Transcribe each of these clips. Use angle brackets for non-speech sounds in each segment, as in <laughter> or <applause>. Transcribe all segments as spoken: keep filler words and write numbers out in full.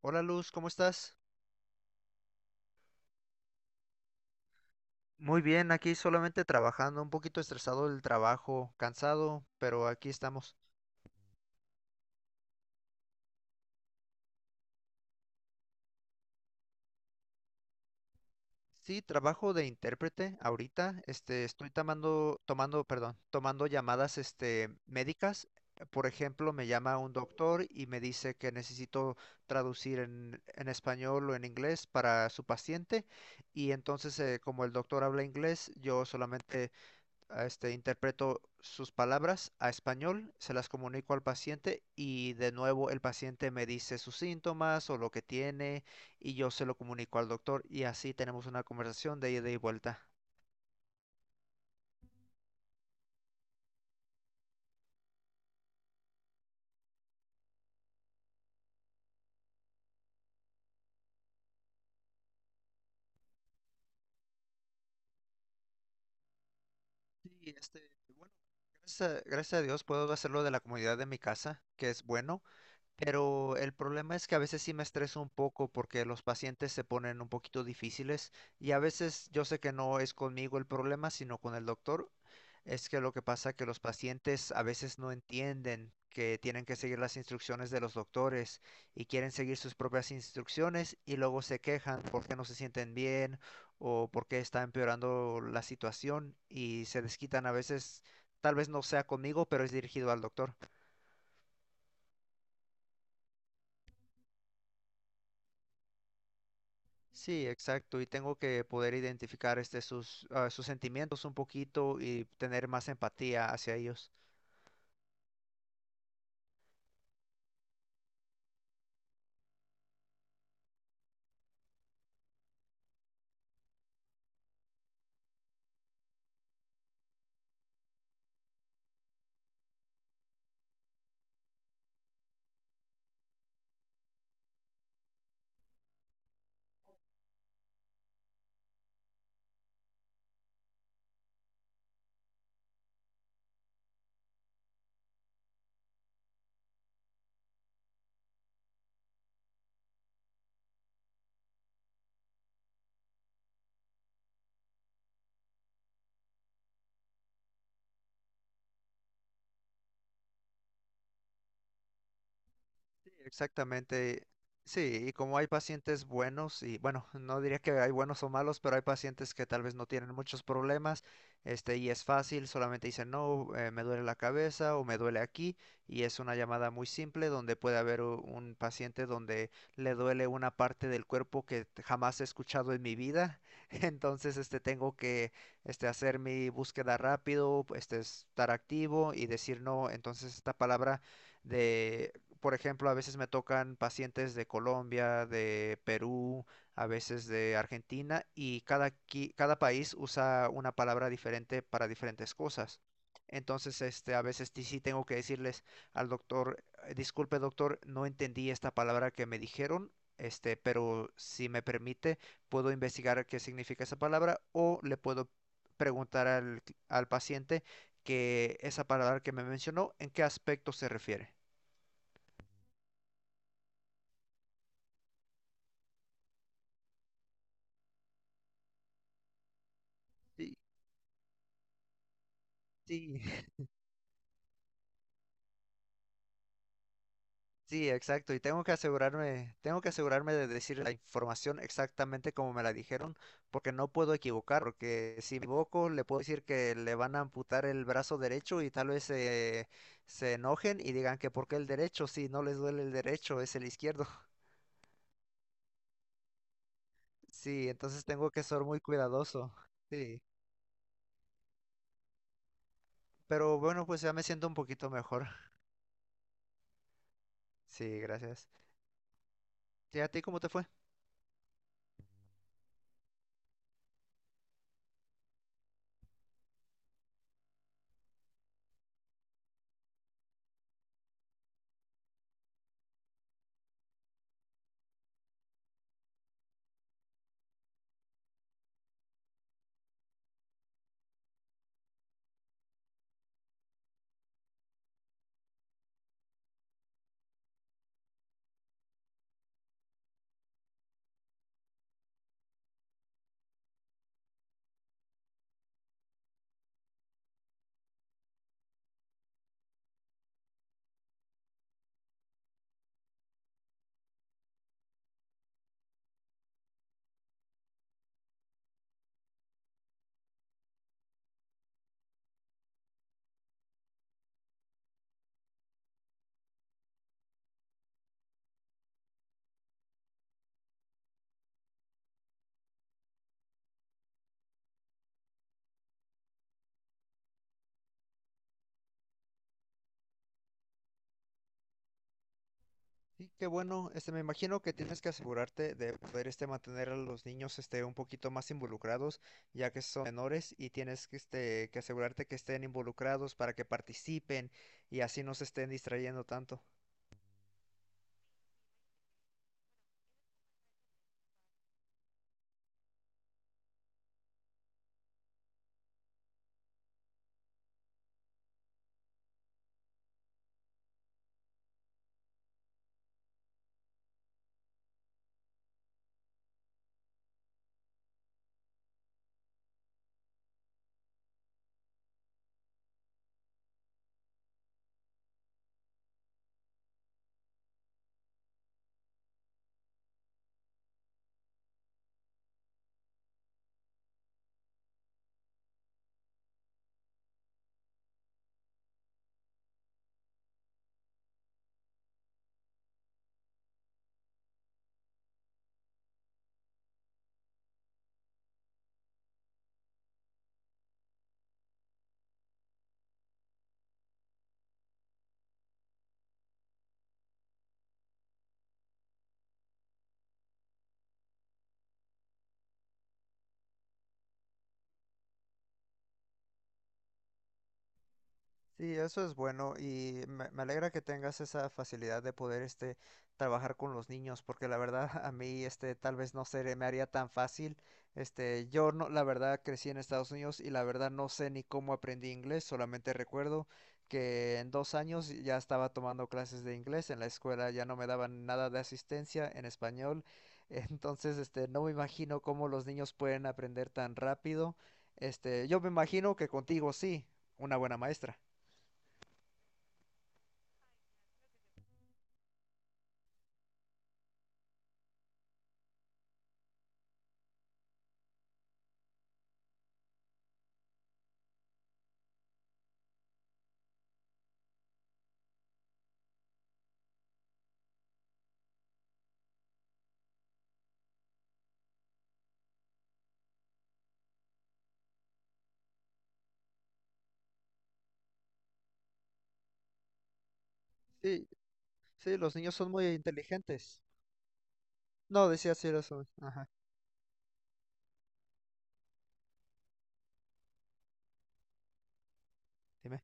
Hola Luz, ¿cómo estás? Muy bien, aquí solamente trabajando, un poquito estresado del trabajo, cansado, pero aquí estamos. Sí, trabajo de intérprete ahorita, este, estoy tomando, tomando, perdón, tomando llamadas, este, médicas. Por ejemplo, me llama un doctor y me dice que necesito traducir en, en español o en inglés para su paciente. Y entonces, eh, como el doctor habla inglés, yo solamente a Este, interpreto sus palabras a español, se las comunico al paciente y de nuevo el paciente me dice sus síntomas o lo que tiene y yo se lo comunico al doctor y así tenemos una conversación de ida y vuelta. Sí, este, bueno, gracias a, gracias a Dios puedo hacerlo de la comunidad de mi casa, que es bueno. Pero el problema es que a veces sí me estreso un poco porque los pacientes se ponen un poquito difíciles, y a veces yo sé que no es conmigo el problema, sino con el doctor. Es que lo que pasa es que los pacientes a veces no entienden que tienen que seguir las instrucciones de los doctores y quieren seguir sus propias instrucciones y luego se quejan porque no se sienten bien o porque está empeorando la situación y se desquitan a veces, tal vez no sea conmigo, pero es dirigido al doctor. Sí, exacto. Y tengo que poder identificar este, sus, ah, sus sentimientos un poquito y tener más empatía hacia ellos. Sí, exactamente. Sí, y como hay pacientes buenos, y bueno, no diría que hay buenos o malos, pero hay pacientes que tal vez no tienen muchos problemas, este, y es fácil, solamente dicen, no, eh, me duele la cabeza o me duele aquí, y es una llamada muy simple donde puede haber u- un paciente donde le duele una parte del cuerpo que t- jamás he escuchado en mi vida. <laughs> entonces, este, tengo que, este, hacer mi búsqueda rápido, este, estar activo y decir no, entonces esta palabra de por ejemplo, a veces me tocan pacientes de Colombia, de Perú, a veces de Argentina, y cada, qui- cada país usa una palabra diferente para diferentes cosas. Entonces, este, a veces ti- sí tengo que decirles al doctor: "Eh, disculpe doctor, no entendí esta palabra que me dijeron, este, pero si me permite, puedo investigar qué significa esa palabra o le puedo preguntar al, cl- al paciente que esa palabra que me mencionó, ¿en qué aspecto se refiere?" Y Sí, <laughs> sí, exacto. Y tengo que asegurarme, tengo que asegurarme de decir la información exactamente como me la dijeron, porque no puedo equivocar, porque si me equivoco le puedo decir que le van a amputar el brazo derecho y tal vez eh, se enojen y digan que por qué el derecho, si no les duele el derecho, es el izquierdo. <laughs> Sí, entonces tengo que ser muy cuidadoso. Sí, pero bueno, pues ya me siento un poquito mejor. Sí, gracias. ¿Y a ti cómo te fue? Y qué bueno, este, me imagino que tienes que asegurarte de poder este mantener a los niños este un poquito más involucrados, ya que son menores y tienes que este que asegurarte que estén involucrados para que participen y así no se estén distrayendo tanto. Sí, eso es bueno y me, me alegra que tengas esa facilidad de poder este trabajar con los niños, porque la verdad <laughs> a mí este tal vez no se me haría tan fácil. Este, yo no, la verdad crecí en Estados Unidos y la verdad no sé ni cómo aprendí inglés, solamente recuerdo que en dos años ya estaba tomando clases de inglés en la escuela, ya no me daban nada de asistencia en español. <laughs> entonces este no me imagino cómo los niños pueden aprender tan rápido. Este, yo me imagino que contigo sí, una buena maestra. Sí, sí, los niños son muy inteligentes. No, decía sí, los son. Ajá, dime.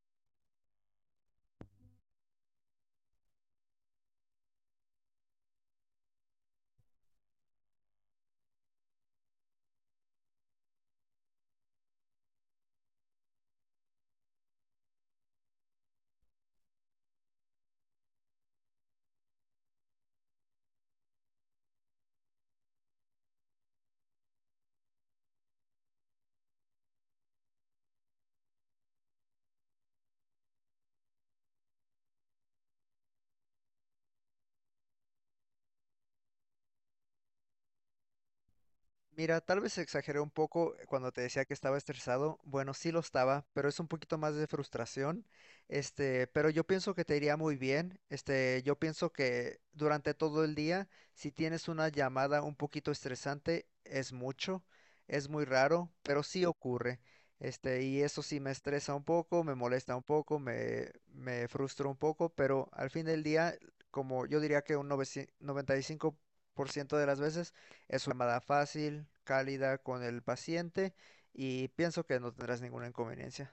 Mira, tal vez exageré un poco eh, cuando te decía que estaba estresado. Bueno, sí lo estaba, pero es un poquito más de frustración. Este, pero yo pienso que te iría muy bien. Este, yo pienso que durante todo el día, si tienes una llamada un poquito estresante, es mucho, es muy raro, pero sí ocurre. Este, y eso sí me estresa un poco, me molesta un poco, me, me frustra un poco, pero al fin del día, como yo diría que un noventa y cinco por ciento de las veces, es una llamada fácil, cálida con el paciente y pienso que no tendrás ninguna inconveniencia.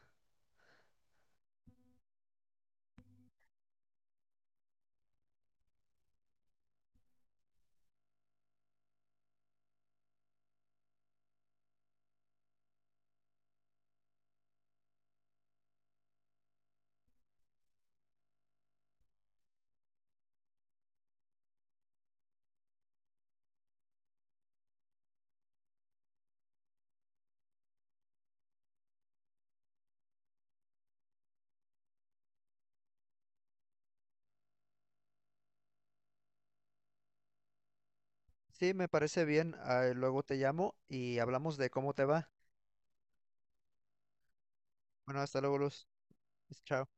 Sí, me parece bien. Ah, luego te llamo y hablamos de cómo te va. Bueno, hasta luego, Luz. Chao.